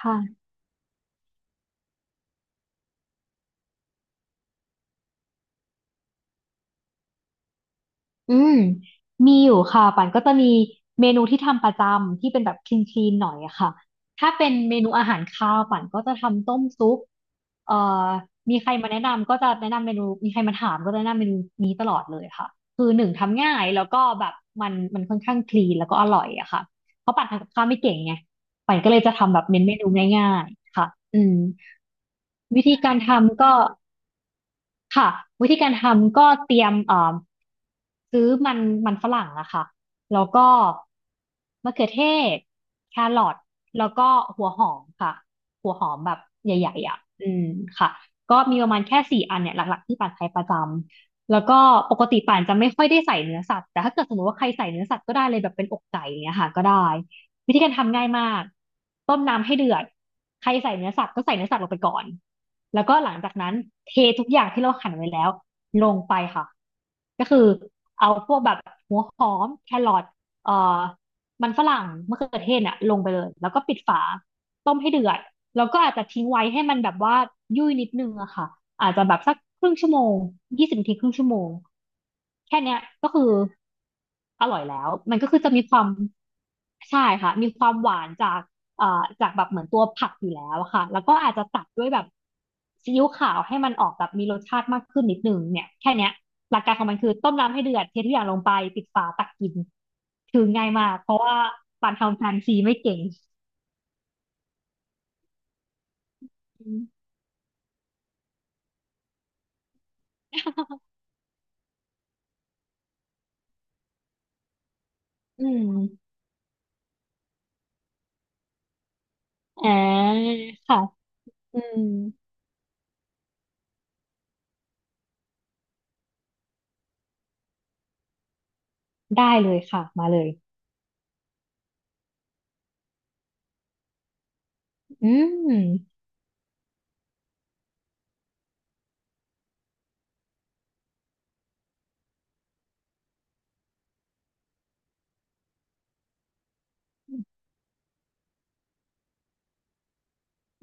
ค่ะอืมมีอยู่ค่ะปันก็จะมีเมนูที่ทำประจำที่เป็นแบบคลีนคลีนหน่อยอะค่ะถ้าเป็นเมนูอาหารคาวปันก็จะทำต้มซุปเอ่อมีใครมาแนะนำก็จะแนะนำเมนูมีใครมาถามก็จะแนะนำเมนูนี้ตลอดเลยค่ะคือหนึ่งทำง่ายแล้วก็แบบมันค่อนข้างคลีนแล้วก็อร่อยอะค่ะเพราะปันทำกับข้าวไม่เก่งไงปันก็เลยจะทำแบบเน้นเมนูง่ายๆค่ะอืมวิธีการทำก็ ค่ะวิธีการทำก็เตรียมซื้อมันฝรั่งอะค่ะแล้วก็มะเขือเทศแครอทแล้วก็หัวหอมค่ะหัวหอมแบบใหญ่ๆอ่ะอืมค่ะก็มีประมาณแค่4 อันเนี่ยหลักๆที่ป่านใช้ประจำแล้วก็ปกติป่านจะไม่ค่อยได้ใส่เนื้อสัตว์แต่ถ้าเกิดสมมติว่าใครใส่เนื้อสัตว์ก็ได้เลยแบบเป็นอกไก่อย่างเงี้ยค่ะก็ได้ วิธีการทำง่ายมากต้มน้ำให้เดือดใครใส่เนื้อสัตว์ก็ใส่เนื้อสัตว์ลงไปก่อนแล้วก็หลังจากนั้นเททุกอย่างที่เราหั่นไว้แล้วลงไปค่ะก็คือเอาพวกแบบหัวหอมแครอทเอ่อมันฝรั่งมะเขือเทศน่ะลงไปเลยแล้วก็ปิดฝา ต้มให้เดือดแล้วก็อาจจะทิ้งไว้ให้มันแบบว่ายุ่ยนิดนึงอะค่ะอาจจะแบบสักครึ่งชั่วโมง20 นาทีครึ่งชั่วโมงแค่เนี้ยก็คืออร่อยแล้วมันก็คือจะมีความใช่ค่ะมีความหวานจากเอ่อจากแบบเหมือนตัวผักอยู่แล้วอะค่ะแล้วก็อาจจะตัดด้วยแบบซีอิ๊วขาวให้มันออกแบบมีรสชาติมากขึ้นนิดนึงเนี่ยแค่เนี้ยหลักการของมันคือต้มน้ำให้เดือดเททุกอย่างลงไปปิดฝาตักกินคือง่ายมากเพราะว่าปานทำแฟนซีไม่เก่งอืม อืมอ่าค่ะอืมได้เลยค่ะ มาเลยอืม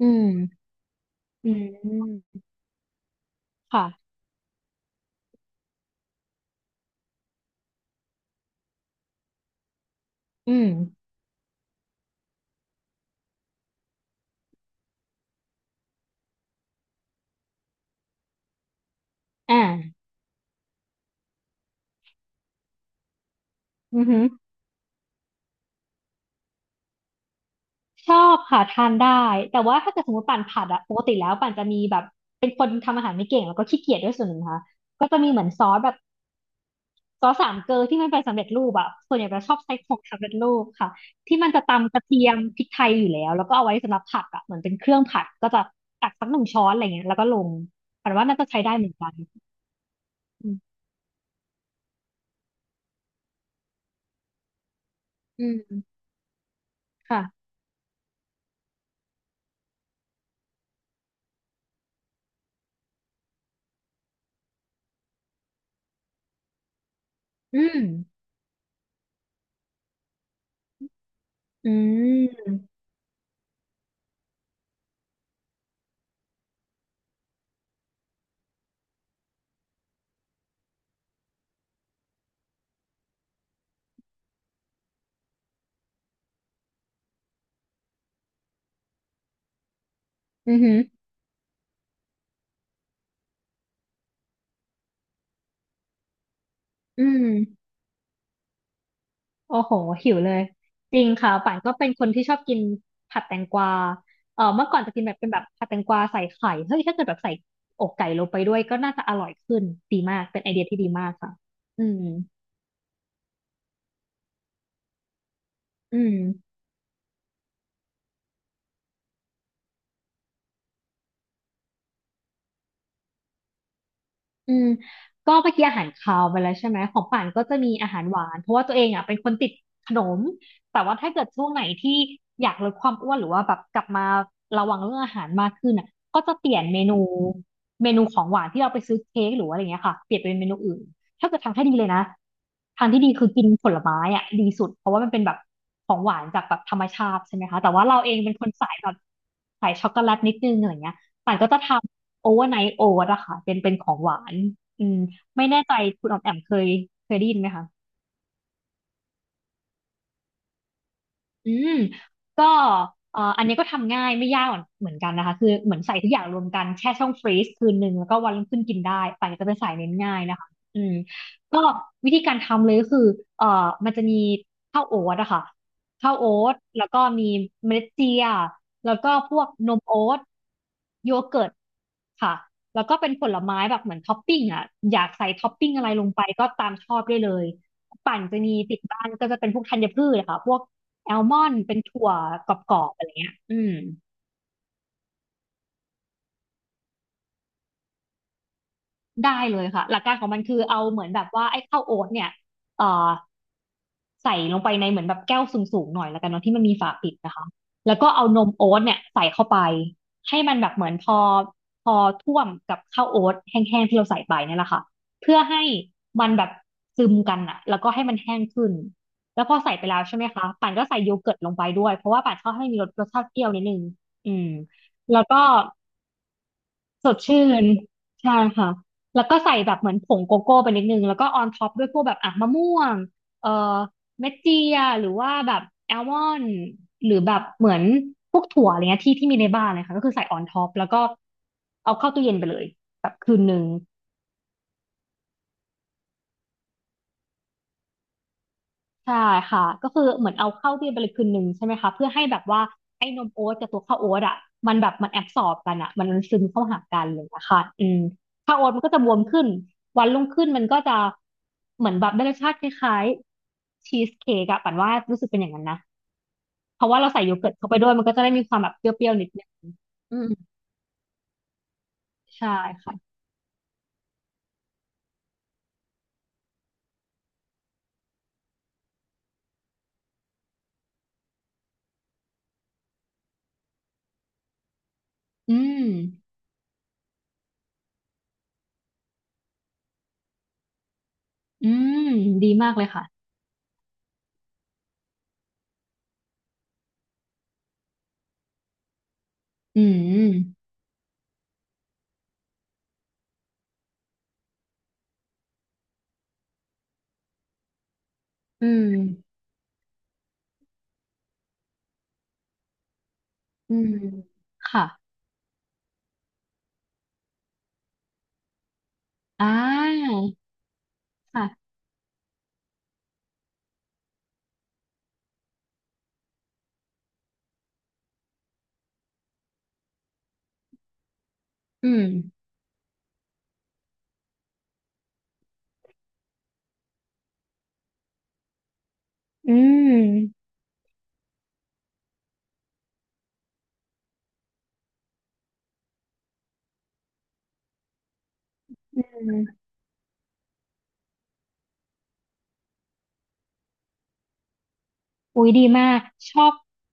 อืมอืมค่ะอืมอ่าอือหือชอบค่ะทานได้ แต่ว่าถ้าเกิดสมมติปั่นผัดอะปกติแล้วปั่นจะมีแบบเป็นคนทำอาหารไม่เก่งแล้วก็ขี้เกียจด้วยส่วนหนึ่งนะค่ะก็จะมีเหมือนซอสแบบ ซอสสามเกลอที่มันเป็นสำเร็จรูปอะส่วนใหญ่จะชอบใช้ของสำเร็จรูปค่ะที่มันจะตำกระเทียมพริกไทยอยู่แล้วแล้วก็เอาไว้สำหรับผัดอะเหมือนเป็นเครื่องผัดก็จะตักสัก1 ช้อนอะไรเงี้ยแล้วก็ลงปันว่าน่าจะใช้ได้เหมือนกันอืมอืมค่ะอืมอืมอือหืออืม โอ้โหหิวเลยจริงค่ะป่านก็เป็นคนที่ชอบกินผัดแตงกวาเออเมื่อก่อนจะกินแบบเป็นแบบผัดแตงกวาใส่ไข่เฮ้ยถ้าเกิดแบบใส่อกไก่ลงไปด้วยก็น่าจะอร่อยขึ้นดีมากเป็นไอเดียที่ดีมากค่ะอืมอืม อืมก็เมื่อกี้อาหารคาวไปแล้วใช่ไหมของป่านก็จะมีอาหารหวานเพราะว่าตัวเองอ่ะเป็นคนติดขนมแต่ว่าถ้าเกิดช่วงไหนที่อยากลดความอ้วนหรือว่าแบบกลับมาระวังเรื่องอาหารมากขึ้นอ่ะก็จะเปลี่ยนเมนูของหวานที่เราไปซื้อเค้กหรือว่าอะไรเงี้ยค่ะเปลี่ยนเป็นเมนูอื่นถ้าเกิดทางที่ดีเลยนะทางที่ดีคือกินผลไม้อ่ะดีสุดเพราะว่ามันเป็นแบบของหวานจากแบบธรรมชาติใช่ไหมคะแต่ว่าเราเองเป็นคนสายแบบสายช็อกโกแลตนิดนึงอะไรเงี้ยป่านก็จะทำ โอเวอร์ไนท์โอ๊ตอะค่ะเป็นของหวานอืมไม่แน่ใจคุณออมแอมเคยได้ยินไหมคะ อืมก็อันนี้ก็ทำง่ายไม่ยากเหมือนกันนะคะคือเหมือนใส่ทุกอย่างรวมกันแช่ช่องฟรีซคืนหนึ่งแล้วก็วันรุ่งขึ้นกินได้ป่านจะเป็นสายเน้นง่ายนะคะอืมก็วิธีการทำเลยก็คือเอ่อมันจะมีข้าวโอ๊ตอะค่ะข้าวโอ๊ตแล้วก็มีเมล็ดเจียแล้วก็พวกนมโอ๊ตโยเกิร์ตค่ะแล้วก็เป็นผลไม้แบบเหมือนท็อปปิ้งอะอยากใส่ท็อปปิ้งอะไรลงไปก็ตามชอบได้เลยปั่นจะมีติดบ้านก็จะเป็นพวกธัญพืชอะค่ะพวก แอลมอนด์เป็นถั่วกรอบๆอะไรเงี้ยอืมได้เลยค่ะหลักการของมันคือเอาเหมือนแบบว่าไอ้ข้าวโอ๊ตเนี่ยเอ่อใส่ลงไปในเหมือนแบบแก้วสูงๆหน่อยแล้วกันเนาะที่มันมีฝาปิดนะคะแล้วก็เอานมโอ๊ตเนี่ยใส่เข้าไปให้มันแบบเหมือนพอท่วมกับข้าวโอ๊ตแห้งๆที่เราใส่ไปเนี่ยแหละค่ะเพื่อให้มันแบบซึมกันอะแล้วก็ให้มันแห้งขึ้นแล้วพอใส่ไปแล้วใช่ไหมคะป่านก็ใส่โยเกิร์ตลงไปด้วยเพราะว่าป่านชอบให้มีรสชาติเปรี้ยวนิดนึงอืมแล้วก็ สดชื่นใช่ค่ะแล้วก็ใส่แบบเหมือนผงโกโก้ไปนิดนึงแล้วก็ออนท็อปด้วยพวกแบบอ่ะมะม่วงเอ่อเม็ดเจียหรือว่าแบบแอลมอนด์หรือแบบเหมือนพวกถั่วอะไรเงี้ยที่มีในบ้านเลยค่ะก็คือใส่ออนท็อปแล้วก็เอาเข้าตู้เย็นไปเลยแบบคืนหนึ่ง ใช่ค่ะก็คือเหมือนเอาเข้าที่ไปเลยคืนหนึ่งใช่ไหมคะเพื่อให้แบบว่าไอ้นมโอ๊ตกับตัวข้าวโอ๊ตอ่ะมันแบบมันแอบสอร์บกันอ่ะมันซึมเข้าหากันอะไรอย่างเลยนะคะอืมข้าวโอ๊ตมันก็จะบวมขึ้นวันรุ่งขึ้นมันก็จะเหมือนแบบได้รสชาติคล้ายๆชีสเค้กอะปั่นว่ารู้สึกเป็นอย่างนั้นนะเพราะว่าเราใส่โยเกิร์ตเข้าไปด้วยมันก็จะได้มีความแบบเปรี้ยวๆนิดนึงอืมใช่ค่ะอืมอืมดีมากเลยค่ะอืมอืมอืมค่ะอ่า ค่ะอืมอืมอืมอุ้ยดีมากชอบ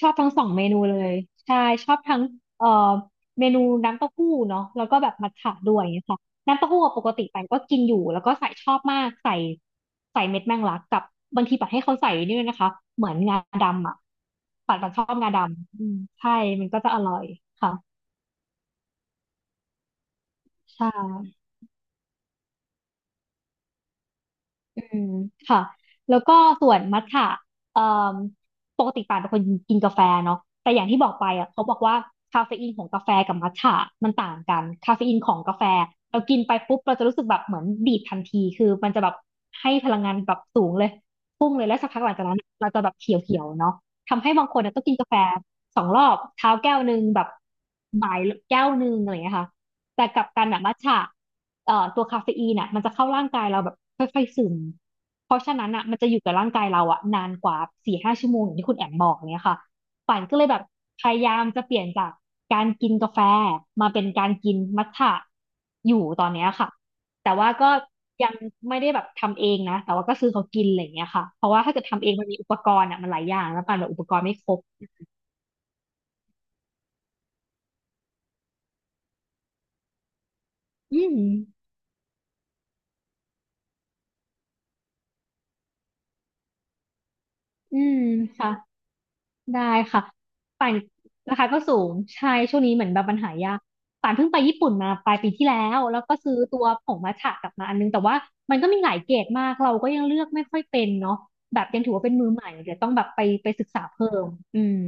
ชอบทั้งสองเมนูเลยใช่ชอบทั้งเอ่อเมนูน้ำเต้าหู้เนาะแล้วก็แบบมัทฉะด้วยอย่างเงี้ยค่ะน้ำเต้าหู้อะปกติไปก็กินอยู่แล้วก็ใส่ชอบมากใส่ใส่เม็ดแมงลักกับบางทีปัดให้เขาใส่นี่ด้วยนะคะเหมือนงาดำอ่ะปันปัดชอบงาดำอืมใช่มันก็จะอร่อยค่ะใช่ อืมค่ะแล้วก็ส่วนมัทฉะเอ่มปกติป่านเป็นคนกินกาแฟเนาะแต่อย่างที่บอกไปอ่ะเขาบอกว่าคาเฟอีนของกาแฟกับมัทฉะมันต่างกันคาเฟอีนของกาแฟเรากินไปปุ๊บเราจะรู้สึกแบบเหมือนดีดทันทีคือมันจะแบบให้พลังงานแบบสูงเลยพุ่งเลยแล้วสักพักหลังจากนั้นเราจะแบบเขียวๆเนาะทำให้บางคนอะต้องกินกาแฟสองรอบเช้าแก้วหนึ่งแบบบ่ายแก้วหนึ่งอะไรอย่างเงี้ยค่ะแต่กลับกันอะมัทฉะ ตัวคาเฟอีนอ่ะมันจะเข้าร่างกายเราแบบค่อยๆซึมเพราะฉะนั้นอ่ะมันจะอยู่กับร่างกายเราอ่ะนานกว่าสี่ห้าชั่วโมงอย่างที่คุณแอมบอกเนี้ยค่ะป่านก็เลยแบบพยายามจะเปลี่ยนจากการกินกาแฟมาเป็นการกินมัทฉะอยู่ตอนเนี้ยค่ะแต่ว่าก็ยังไม่ได้แบบทำเองนะแต่ว่าก็ซื้อเขากินอะไรอย่างเงี้ยค่ะเพราะว่าถ้าเกิดทำเองมันมีอุปกรณ์อ่ะมันหลายอย่างแล้วป่านแบบอุปกรณ์ไม่ครบอืมอืมค่ะ ได้ค่ะป่านราคาก็สูงใช่ช่วงนี้เหมือนแบบปัญหายากป่านเพิ่งไปญี่ปุ่นมาปลายปีที่แล้วแล้วก็ซื้อตัวผงมัทฉะกลับมาอันนึงแต่ว่ามันก็มีหลายเกรดมากเราก็ยังเลือกไม่ค่อยเป็นเนาะแบบยังถือว่าเป็นมือใหม่เดี๋ยวต้องแบบไปศึกษาเพิ่มอืม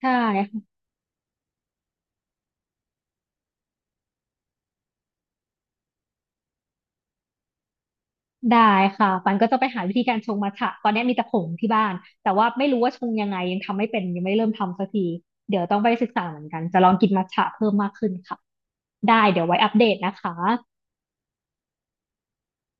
ใช่ค่ะได้ค่ะปันก็จะไปหาวิธีการชงมัทฉะตอนนี้มีแต่ผงที่บ้านแต่ว่าไม่รู้ว่าชงยังไงยังทำไม่เป็นยังไม่เริ่มทำสักทีเดี๋ยวต้องไปศึกษาเหมือนกันจะลองกินมัทฉะเพิ่มมากขึ้นค่ะได้เดี๋ยวไว้อัปเดตนะคะ